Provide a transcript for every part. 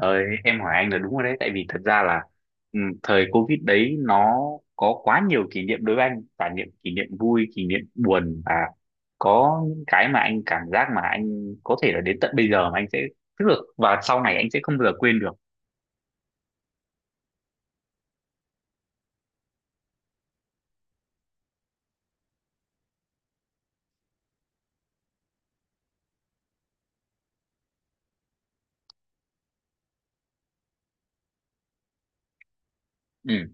Ờ, em hỏi anh là đúng rồi đấy, tại vì thật ra là thời Covid đấy nó có quá nhiều kỷ niệm đối với anh, và những kỷ niệm vui kỷ niệm buồn, và có những cái mà anh cảm giác mà anh có thể là đến tận bây giờ mà anh sẽ tức là và sau này anh sẽ không bao giờ quên được. Ừ.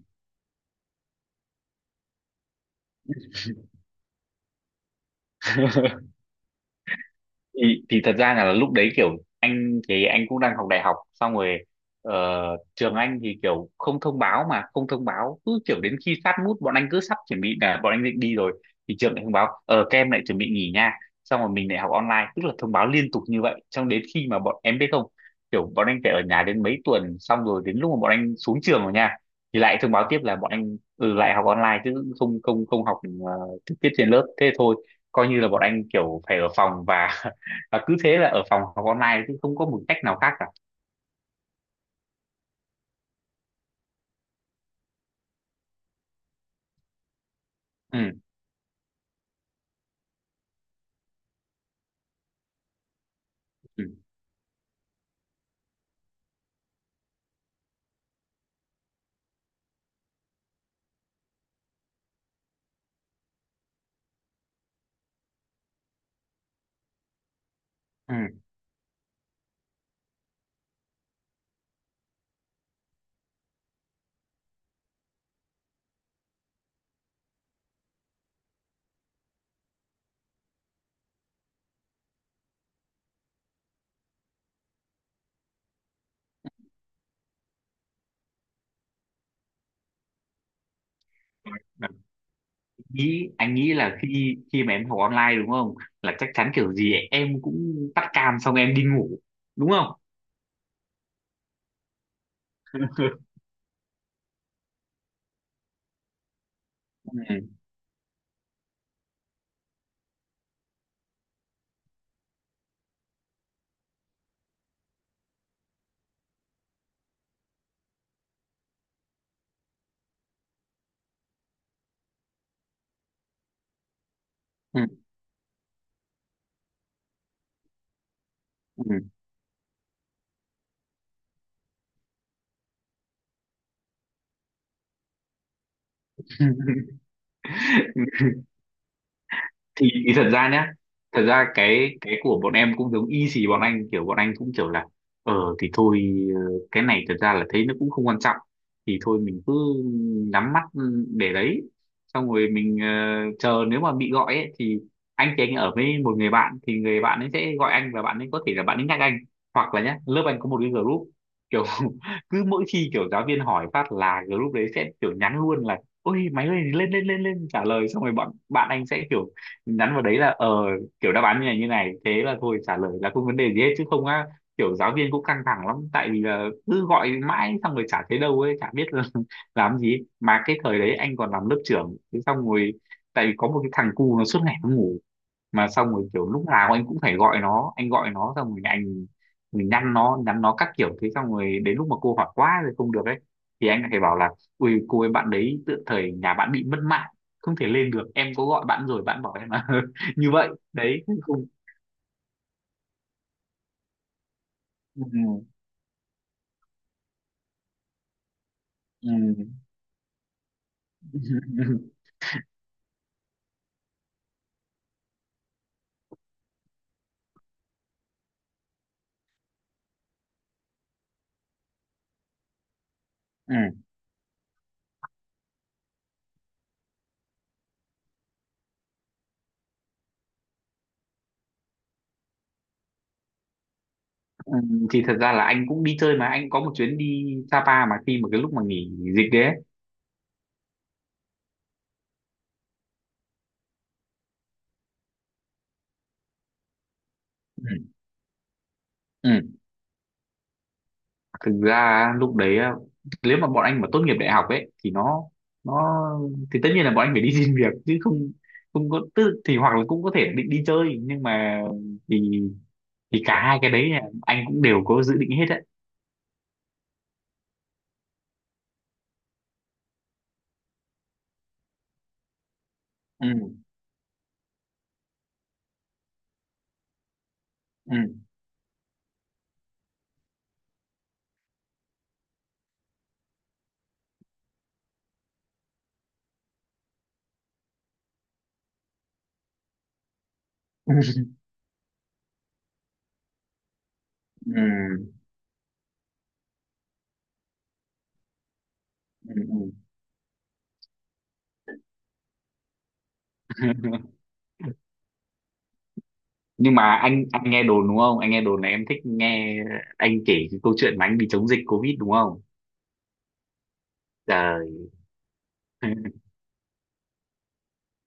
thì thật ra là lúc đấy kiểu anh thì anh cũng đang học đại học xong rồi. ờ, Trường anh thì kiểu không thông báo mà không thông báo, cứ kiểu đến khi sát nút bọn anh cứ sắp chuẩn bị là bọn anh định đi rồi, thì trường lại thông báo các em lại chuẩn bị nghỉ nha. Xong rồi mình lại học online, tức là thông báo liên tục như vậy, xong đến khi mà bọn em biết không, kiểu bọn anh phải ở nhà đến mấy tuần, xong rồi đến lúc mà bọn anh xuống trường rồi nha, thì lại thông báo tiếp là bọn anh lại học online chứ không không không học ờ, trực tiếp trên lớp, thế thôi. Coi như là bọn anh kiểu phải ở phòng và và cứ thế là ở phòng học online, chứ không có một cách nào khác cả. Ừ. Ừ. Ừ. Mà nghĩ, anh nghĩ là khi khi mà em học online đúng không, là chắc chắn kiểu gì em cũng tắt cam xong em đi ngủ đúng không. Ừ. Ừ. Ừ. Thì thật ra nhá, thật ra cái của bọn em cũng giống y xì bọn anh, kiểu bọn anh cũng kiểu là thì thôi, ờ, cái này thật ra là thấy nó cũng không quan trọng thì thôi mình cứ nhắm mắt để đấy, xong rồi mình chờ, nếu mà bị gọi ấy, thì anh ở với một người bạn, thì người bạn ấy sẽ gọi anh và bạn ấy có thể là bạn ấy nhắc anh, hoặc là nhá lớp anh có một cái group kiểu cứ mỗi khi kiểu giáo viên hỏi phát là group đấy sẽ kiểu nhắn luôn là ôi máy ơi lên lên lên lên trả lời, xong rồi bọn bạn anh sẽ kiểu mình nhắn vào đấy là kiểu đáp án như này như này, thế là thôi trả lời là không vấn đề gì hết chứ không á, kiểu giáo viên cũng căng thẳng lắm tại vì là cứ gọi mãi xong rồi chả thấy đâu ấy chả biết là làm gì. Mà cái thời đấy anh còn làm lớp trưởng, thế xong rồi tại vì có một cái thằng cu nó suốt ngày nó ngủ, mà xong rồi kiểu lúc nào anh cũng phải gọi nó, anh gọi nó xong rồi anh mình nhắn nó các kiểu, thế xong rồi đến lúc mà cô hỏi quá rồi không được ấy thì anh lại phải bảo là ui cô ấy bạn đấy tựa thời nhà bạn bị mất mạng không thể lên được, em có gọi bạn rồi bạn bảo em là như vậy đấy không. Ừ. Ừ. Ừ. Ừ. Thì thật ra là anh cũng đi chơi, mà anh có một chuyến đi Sapa mà khi mà cái lúc mà nghỉ dịch đấy ấy. Ừ. Ừ. Thực ra á, lúc đấy á, nếu mà bọn anh mà tốt nghiệp đại học ấy thì nó thì tất nhiên là bọn anh phải đi xin việc chứ không, không có tức thì, hoặc là cũng có thể định đi chơi nhưng mà thì thì cả hai cái đấy là anh cũng đều có dự định hết đấy. Ừ. Ừ. Ừ. Ừ. Ừ. Ừ. Nhưng mà anh nghe đồn đúng không, anh nghe đồn là em thích nghe anh kể cái câu chuyện mà anh đi chống dịch covid đúng không. Trời.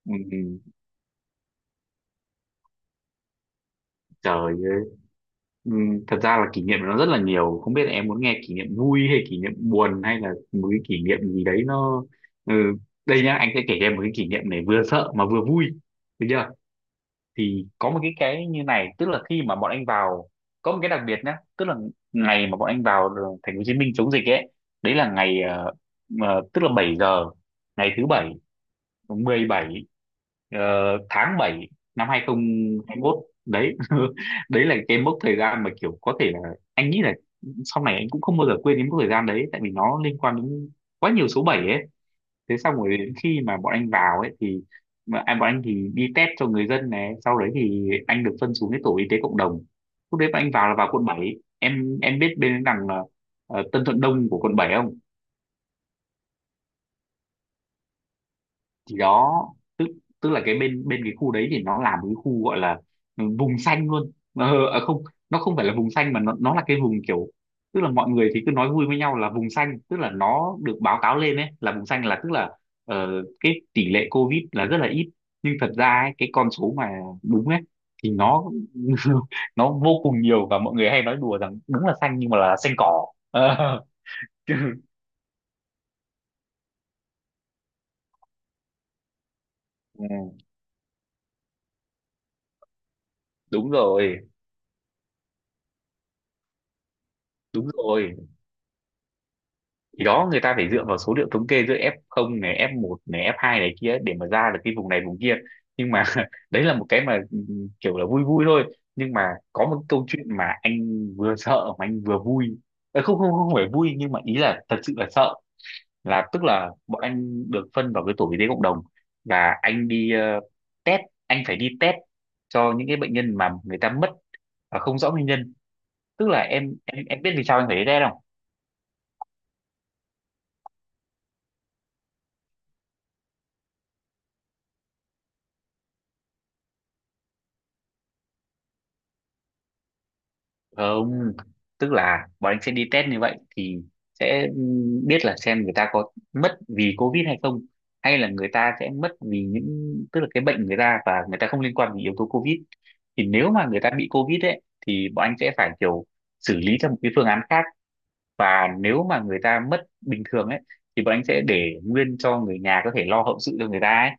Ừ, trời ơi. Ừ, thật ra là kỷ niệm nó rất là nhiều, không biết là em muốn nghe kỷ niệm vui hay kỷ niệm buồn hay là một cái kỷ niệm gì đấy nó. Ừ. Đây nhá, anh sẽ kể cho em một cái kỷ niệm này vừa sợ mà vừa vui, được chưa. Thì có một cái như này, tức là khi mà bọn anh vào có một cái đặc biệt nhá, tức là ngày mà bọn anh vào thành phố Hồ Chí Minh chống dịch ấy, đấy là ngày tức là 7 giờ ngày thứ bảy 17 ờ, tháng 7 năm 2021 đấy. Đấy là cái mốc thời gian mà kiểu có thể là anh nghĩ là sau này anh cũng không bao giờ quên đến mốc thời gian đấy, tại vì nó liên quan đến quá nhiều số 7 ấy. Thế xong rồi đến khi mà bọn anh vào ấy thì mà anh bọn anh thì đi test cho người dân này, sau đấy thì anh được phân xuống cái tổ y tế cộng đồng. Lúc đấy bọn anh vào là vào quận bảy, em biết bên đằng Tân Thuận Đông của quận 7 không. Thì đó, tức tức là cái bên bên cái khu đấy thì nó là một cái khu gọi là vùng xanh luôn, à không, nó không phải là vùng xanh mà nó là cái vùng kiểu, tức là mọi người thì cứ nói vui với nhau là vùng xanh, tức là nó được báo cáo lên ấy là vùng xanh, là tức là cái tỷ lệ covid là rất là ít. Nhưng thật ra ấy, cái con số mà đúng ấy thì nó nó vô cùng nhiều, và mọi người hay nói đùa rằng đúng là xanh nhưng mà là xanh cỏ. Ờ, ừ, đúng rồi. Đúng rồi, thì đó người ta phải dựa vào số liệu thống kê giữa F0 này F1 này F2 này kia để mà ra được cái vùng này vùng kia. Nhưng mà đấy là một cái mà kiểu là vui vui thôi, nhưng mà có một câu chuyện mà anh vừa sợ mà anh vừa vui. Không không không phải vui, nhưng mà ý là thật sự là sợ. Là tức là bọn anh được phân vào cái tổ y tế cộng đồng, và test anh phải đi test cho những cái bệnh nhân mà người ta mất và không rõ nguyên nhân. Tức là em biết vì sao anh phải đi test không. Không, tức là bọn anh sẽ đi test như vậy thì sẽ biết là xem người ta có mất vì Covid hay không, hay là người ta sẽ mất vì những, tức là cái bệnh người ta và người ta không liên quan đến yếu tố Covid. Thì nếu mà người ta bị Covid ấy thì bọn anh sẽ phải kiểu xử lý theo một cái phương án khác, và nếu mà người ta mất bình thường ấy thì bọn anh sẽ để nguyên cho người nhà có thể lo hậu sự cho người ta ấy.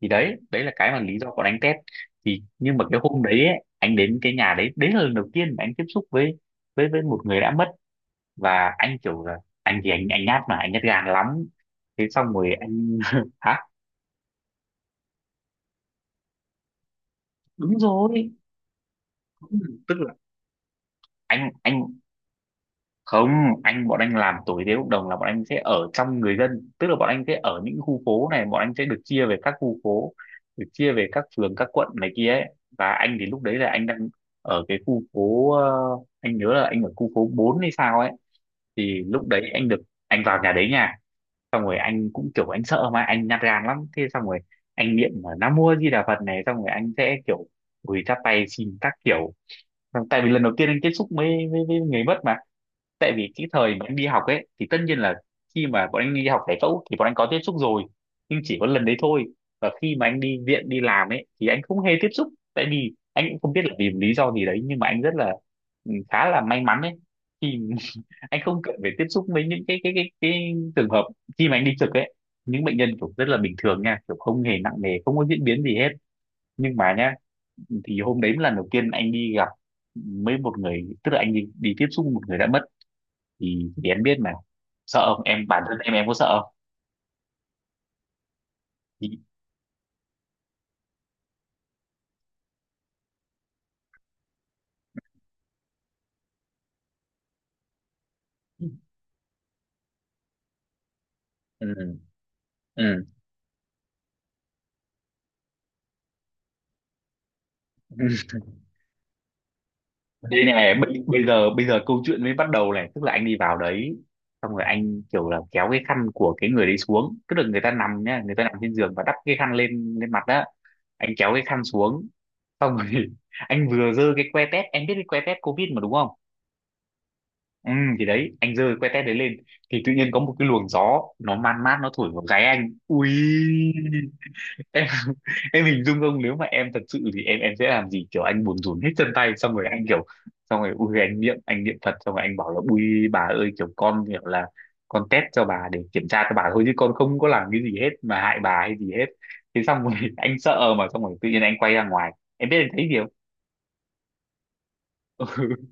Thì đấy đấy là cái mà lý do có anh test. Thì nhưng mà cái hôm đấy ấy, anh đến cái nhà đấy, đấy là lần đầu tiên mà anh tiếp xúc với với một người đã mất. Và anh kiểu là anh thì anh nhát mà anh nhát gan lắm, thế xong rồi anh hả. Đúng rồi. Ừ, tức là anh không anh bọn anh làm tổ y tế cộng đồng là bọn anh sẽ ở trong người dân, tức là bọn anh sẽ ở những khu phố này, bọn anh sẽ được chia về các khu phố, được chia về các phường các quận này kia ấy. Và anh thì lúc đấy là anh đang ở cái khu phố anh nhớ là anh ở khu phố 4 hay sao ấy. Thì lúc đấy anh được, anh vào nhà đấy nha, xong rồi anh cũng kiểu anh sợ mà anh nhát gan lắm, thế xong rồi anh niệm là Nam Mô A Di Đà Phật này, xong rồi anh sẽ kiểu gửi chắp tay xin các kiểu. Xong tại vì lần đầu tiên anh tiếp xúc với người mất mà, tại vì cái thời bọn anh đi học ấy thì tất nhiên là khi mà bọn anh đi học giải phẫu thì bọn anh có tiếp xúc rồi, nhưng chỉ có lần đấy thôi. Và khi mà anh đi viện đi làm ấy thì anh không hề tiếp xúc, tại vì anh cũng không biết là vì một lý do gì đấy nhưng mà anh rất là khá là may mắn ấy. Thì anh không cần phải tiếp xúc với những cái trường hợp khi mà anh đi trực ấy, những bệnh nhân kiểu rất là bình thường nha, kiểu không hề nặng nề, không có diễn biến gì hết nhưng mà nhá. Thì hôm đấy là lần đầu tiên anh đi gặp với một người, tức là anh đi tiếp xúc một người đã mất. Thì em biết mà, sợ không em, bản thân em có sợ không. Thì- ừ. Ừ. Đây này, bây giờ câu chuyện mới bắt đầu này, tức là anh đi vào đấy xong rồi anh kiểu là kéo cái khăn của cái người đấy xuống, tức là người ta nằm nhá, người ta nằm trên giường và đắp cái khăn lên lên mặt đó. Anh kéo cái khăn xuống xong rồi anh vừa giơ cái que tét, em biết cái que tét covid mà đúng không. Ừ. Thì đấy anh giơ cái que tét đấy lên thì tự nhiên có một cái luồng gió nó man mát nó thổi vào gáy anh, ui em. Em hình dung không, nếu mà em thật sự thì em sẽ làm gì, kiểu anh buồn rùn hết chân tay xong rồi anh kiểu xong rồi ui anh niệm, anh niệm Phật xong rồi anh bảo là ui bà ơi, kiểu con kiểu là con test cho bà để kiểm tra cho bà thôi chứ con không có làm cái gì hết mà hại bà hay gì hết. Thế xong rồi anh sợ mà xong rồi tự nhiên anh quay ra ngoài, em biết anh thấy gì không.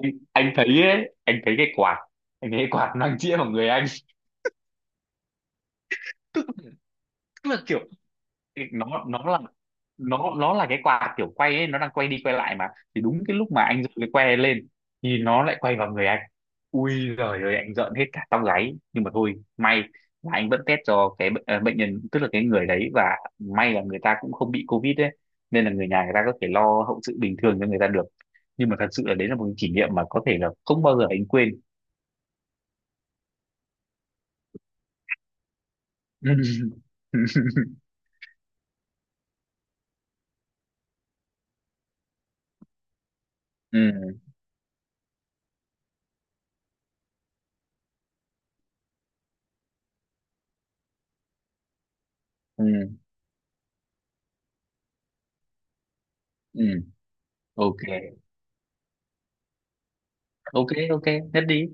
Anh thấy ấy, anh thấy cái quạt, anh thấy cái quạt đang chĩa vào người anh. tức, tức là kiểu Cái- nó nó là nó là cái quạt kiểu quay ấy, nó đang quay đi quay lại mà. Thì đúng cái lúc mà anh giơ cái que lên thì nó lại quay vào người anh. Ui giời ơi anh rợn hết cả tóc gáy, nhưng mà thôi may là anh vẫn test cho cái bệnh nhân, tức là cái người đấy, và may là người ta cũng không bị covid đấy, nên là người nhà người ta có thể lo hậu sự bình thường cho người ta được. Nhưng mà thật sự là đấy là một cái kỷ niệm mà có thể là không bao giờ anh quên. Ừ. Ừ. Ừ. Ok. Ok. Ok nhất đi.